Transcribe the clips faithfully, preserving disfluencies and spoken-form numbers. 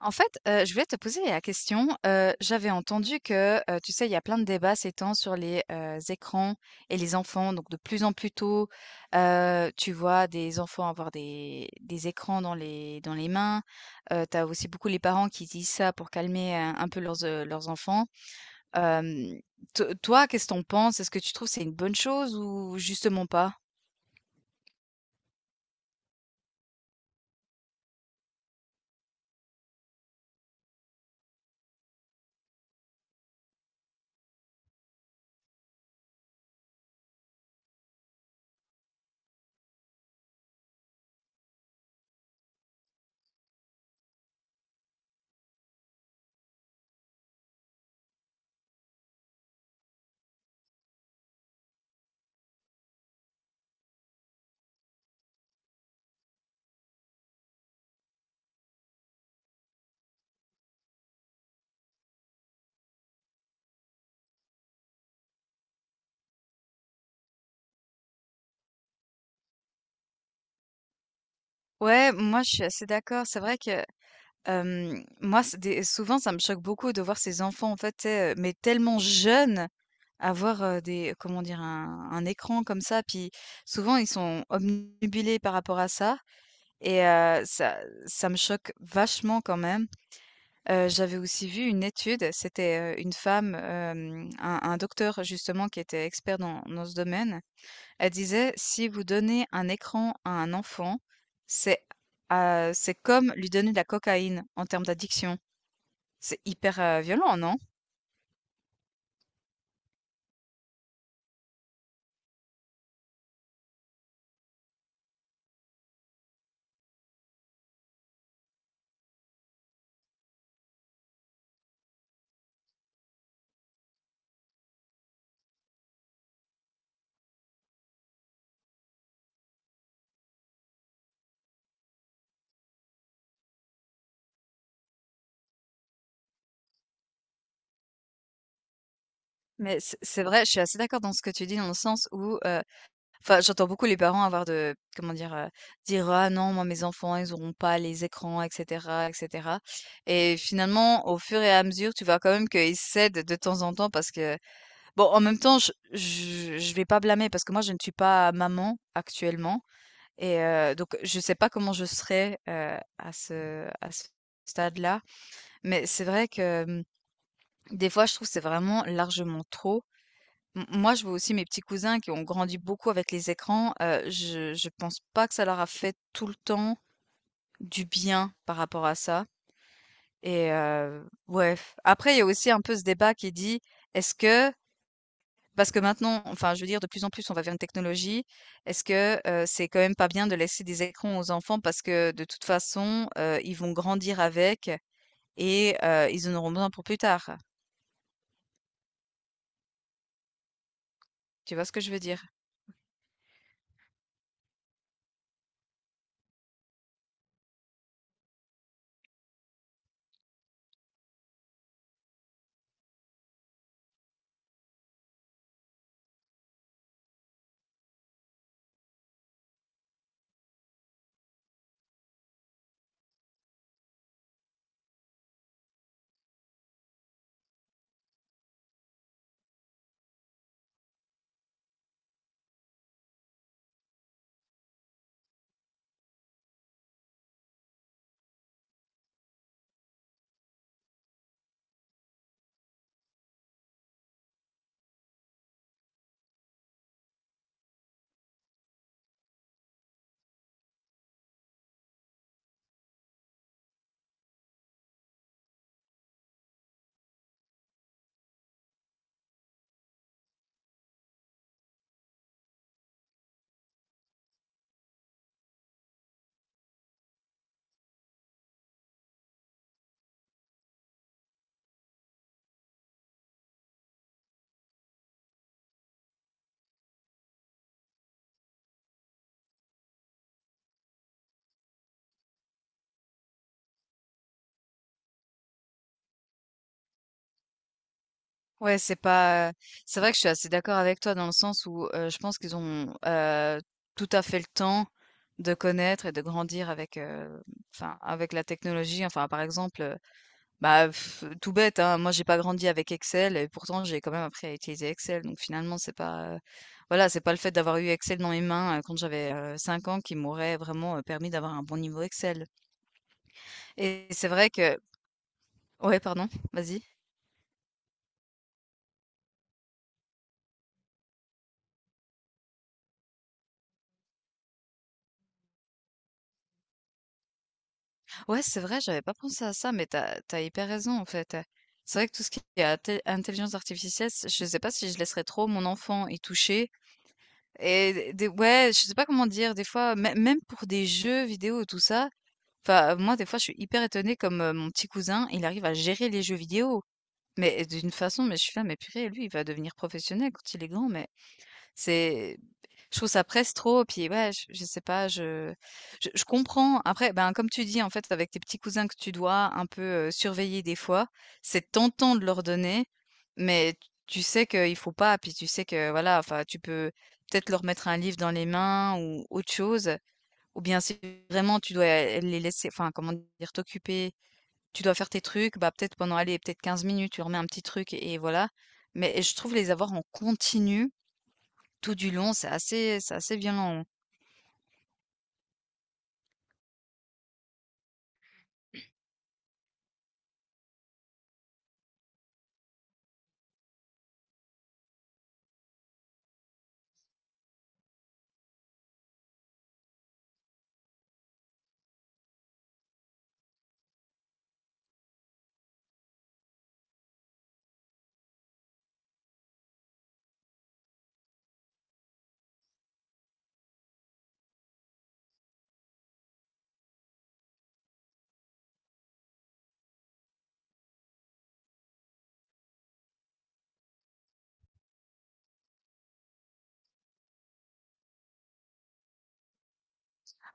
En fait, heu, je voulais te poser la question, heu, j'avais entendu que, heu, tu sais, il y a plein de débats ces temps sur les, heu, écrans et les enfants, donc de plus en plus tôt, heu, tu vois des enfants avoir des des écrans dans les dans les mains. Heu, tu as aussi beaucoup les parents qui disent ça pour calmer un un peu leurs, heu, leurs enfants. Hem, to Toi, qu'est-ce que tu penses? Est-ce que tu trouves que c'est une bonne chose ou justement pas? Ouais, moi je suis assez d'accord. C'est vrai que hem, moi c'est des souvent ça me choque beaucoup de voir ces enfants en fait, tu sais, heu, mais tellement jeunes avoir, heu, des comment dire? Un un écran comme ça, puis souvent ils sont obnubilés par rapport à ça et heu, ça ça me choque vachement quand même. Heu, j'avais aussi vu une étude, c'était, heu, une femme, hem, un un docteur justement qui était expert dans dans ce domaine. Elle disait: «Si vous donnez un écran à un enfant, c'est, heu, c'est comme lui donner de la cocaïne en termes d'addiction». C'est hyper, heu, violent, non? Mais c C'est vrai, je suis assez d'accord dans ce que tu dis dans le sens où, heu Enfin, j'entends beaucoup les parents avoir de comment dire? Heu, dire: «Ah non, moi mes enfants, ils n'auront pas les écrans et cetera et cetera». Et finalement, au fur et à mesure, tu vois quand même qu'ils cèdent de temps en temps parce que bon, en même temps, je je je vais pas blâmer parce que moi, je ne suis pas maman actuellement et heu, donc je sais pas comment je serai, heu, à ce à ce stade-là. Mais c'est vrai que, mmh, des fois, je trouve que c'est vraiment largement trop. M Moi, je vois aussi mes petits cousins qui ont grandi beaucoup avec les écrans, heu, je je pense pas que ça leur a fait tout le temps du bien par rapport à ça et heu, ouais, après il y a aussi un peu ce débat qui dit: «Est-ce que?» Parce que maintenant, enfin, je veux dire, de plus en plus, on va vers une technologie. Est-ce que, heu, c'est quand même pas bien de laisser des écrans aux enfants parce que de toute façon, heu, ils vont grandir avec et heu, ils en auront besoin pour plus tard? Tu vois ce que je veux dire? Ouais, c'est pas, heu C'est vrai que je suis assez d'accord avec toi dans le sens où, heu, je pense qu'ils ont, heu, tout à fait le temps de connaître et de grandir avec, heu, enfin, avec la technologie. Enfin, par exemple, bah, pff, tout bête, hein, moi j'ai pas grandi avec Excel et pourtant j'ai quand même appris à utiliser Excel. Donc finalement, c'est pas, heu, voilà, c'est pas le fait d'avoir eu Excel dans mes mains, heu, quand j'avais, heu, cinq ans qui m'aurait vraiment, heu, permis d'avoir un bon niveau Excel. Et c'est vrai que ouais, pardon? Vas-y. Ouais, c'est vrai, j'avais pas pensé à ça, mais t'as as hyper raison, en fait. C'est vrai que tout ce qui est até intelligence artificielle, c je sais pas si je laisserais trop mon enfant y toucher. Et des ouais, je sais pas comment dire, des fois, mê même pour des jeux vidéo et tout ça, enfin, moi, des fois, je suis hyper étonnée comme, heu, mon petit cousin, il arrive à gérer les jeux vidéo, mais d'une façon, mais je suis là: «Mais purée, lui, il va devenir professionnel quand il est grand, mais». C'est Je trouve ça presse trop, puis ouais, je je sais pas, je je je comprends. Après, ben, comme tu dis, en fait, avec tes petits cousins que tu dois un peu, heu, surveiller des fois, c'est tentant de leur donner, mais t tu sais qu'il faut pas, puis tu sais que voilà, enfin, tu peux peut-être leur mettre un livre dans les mains ou autre chose, ou bien si vraiment tu dois les laisser enfin, comment dire? T'occuper, tu dois faire tes trucs, bah, peut-être pendant, allez, peut-être quinze minutes, tu remets un petit truc et voilà. Mais je trouve les avoir en continu tout du long, c'est assez c'est assez violent.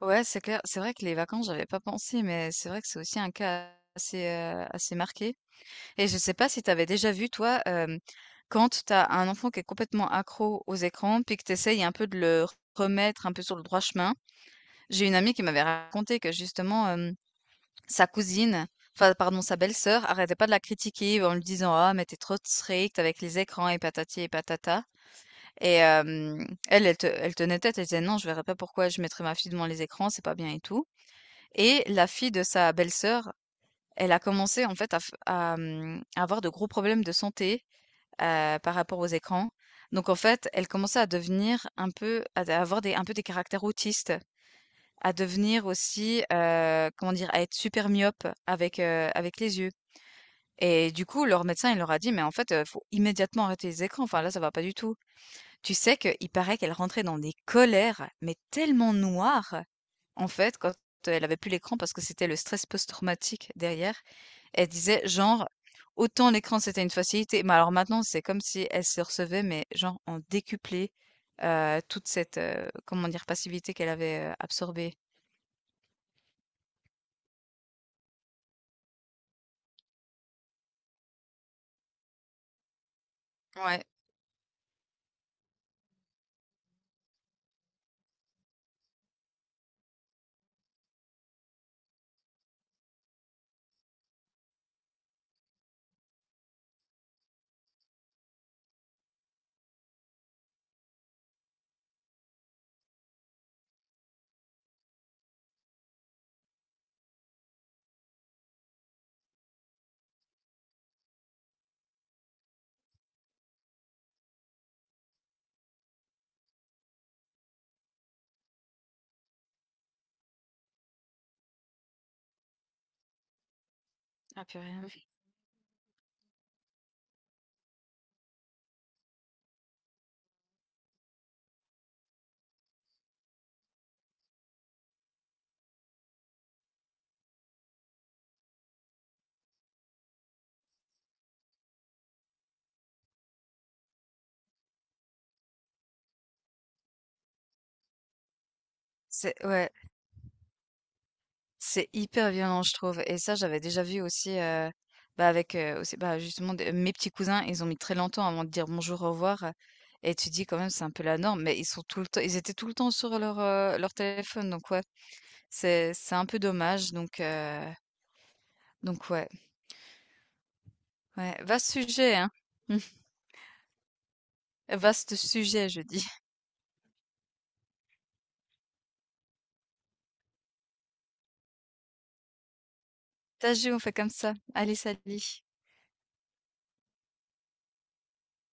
Ouais, c'est clair. C'est vrai que les vacances, j'avais pas pensé, mais c'est vrai que c'est aussi un cas assez, heu, assez marqué. Et je sais pas si t'avais déjà vu toi, hem, quand t'as un enfant qui est complètement accro aux écrans, puis que t'essayes un peu de le remettre un peu sur le droit chemin. J'ai une amie qui m'avait raconté que justement, hem, sa cousine, enfin pardon, sa belle-sœur arrêtait pas de la critiquer en lui disant: «Ah mais t'es trop stricte avec les écrans et patati et patata». Et hem, elle, elle te elle tenait tête, elle disait: «Non, je verrais pas pourquoi je mettrais ma fille devant les écrans, c'est pas bien et tout». Et la fille de sa belle-sœur, elle a commencé en fait à f à, mmh, à avoir de gros problèmes de santé, heu, par rapport aux écrans. Donc en fait, elle commençait à devenir un peu à à avoir des un peu des caractères autistes, à devenir aussi, heu, comment dire? À être super myope avec, heu, avec les yeux. Et du coup, leur médecin, il leur a dit: «Mais en fait, heu, faut immédiatement arrêter les écrans, enfin là, ça va pas du tout». Tu sais qu'il paraît qu'elle rentrait dans des colères, mais tellement noires, en fait, quand elle avait plus l'écran parce que c'était le stress post-traumatique derrière. Elle disait genre, autant l'écran c'était une facilité, mais alors maintenant c'est comme si elle se recevait, mais genre en décuplé euh, toute cette, euh, comment dire, passivité qu'elle avait euh, absorbée. Ouais. Ah purée. C'est, ouais. C'est hyper violent, je trouve et ça, j'avais déjà vu aussi, heu, bah, avec, heu, aussi, bah, justement des mes petits cousins, ils ont mis très longtemps avant de dire «bonjour, au revoir» et tu dis quand même c'est un peu la norme, mais ils sont tout le temps ils étaient tout le temps sur leur, heu, leur téléphone. Donc ouais, c'est c'est un peu dommage donc heu, donc ouais, ouais, vaste sujet, hein? Vaste sujet, je dis. Ça joue, on fait comme ça. Allez, salut.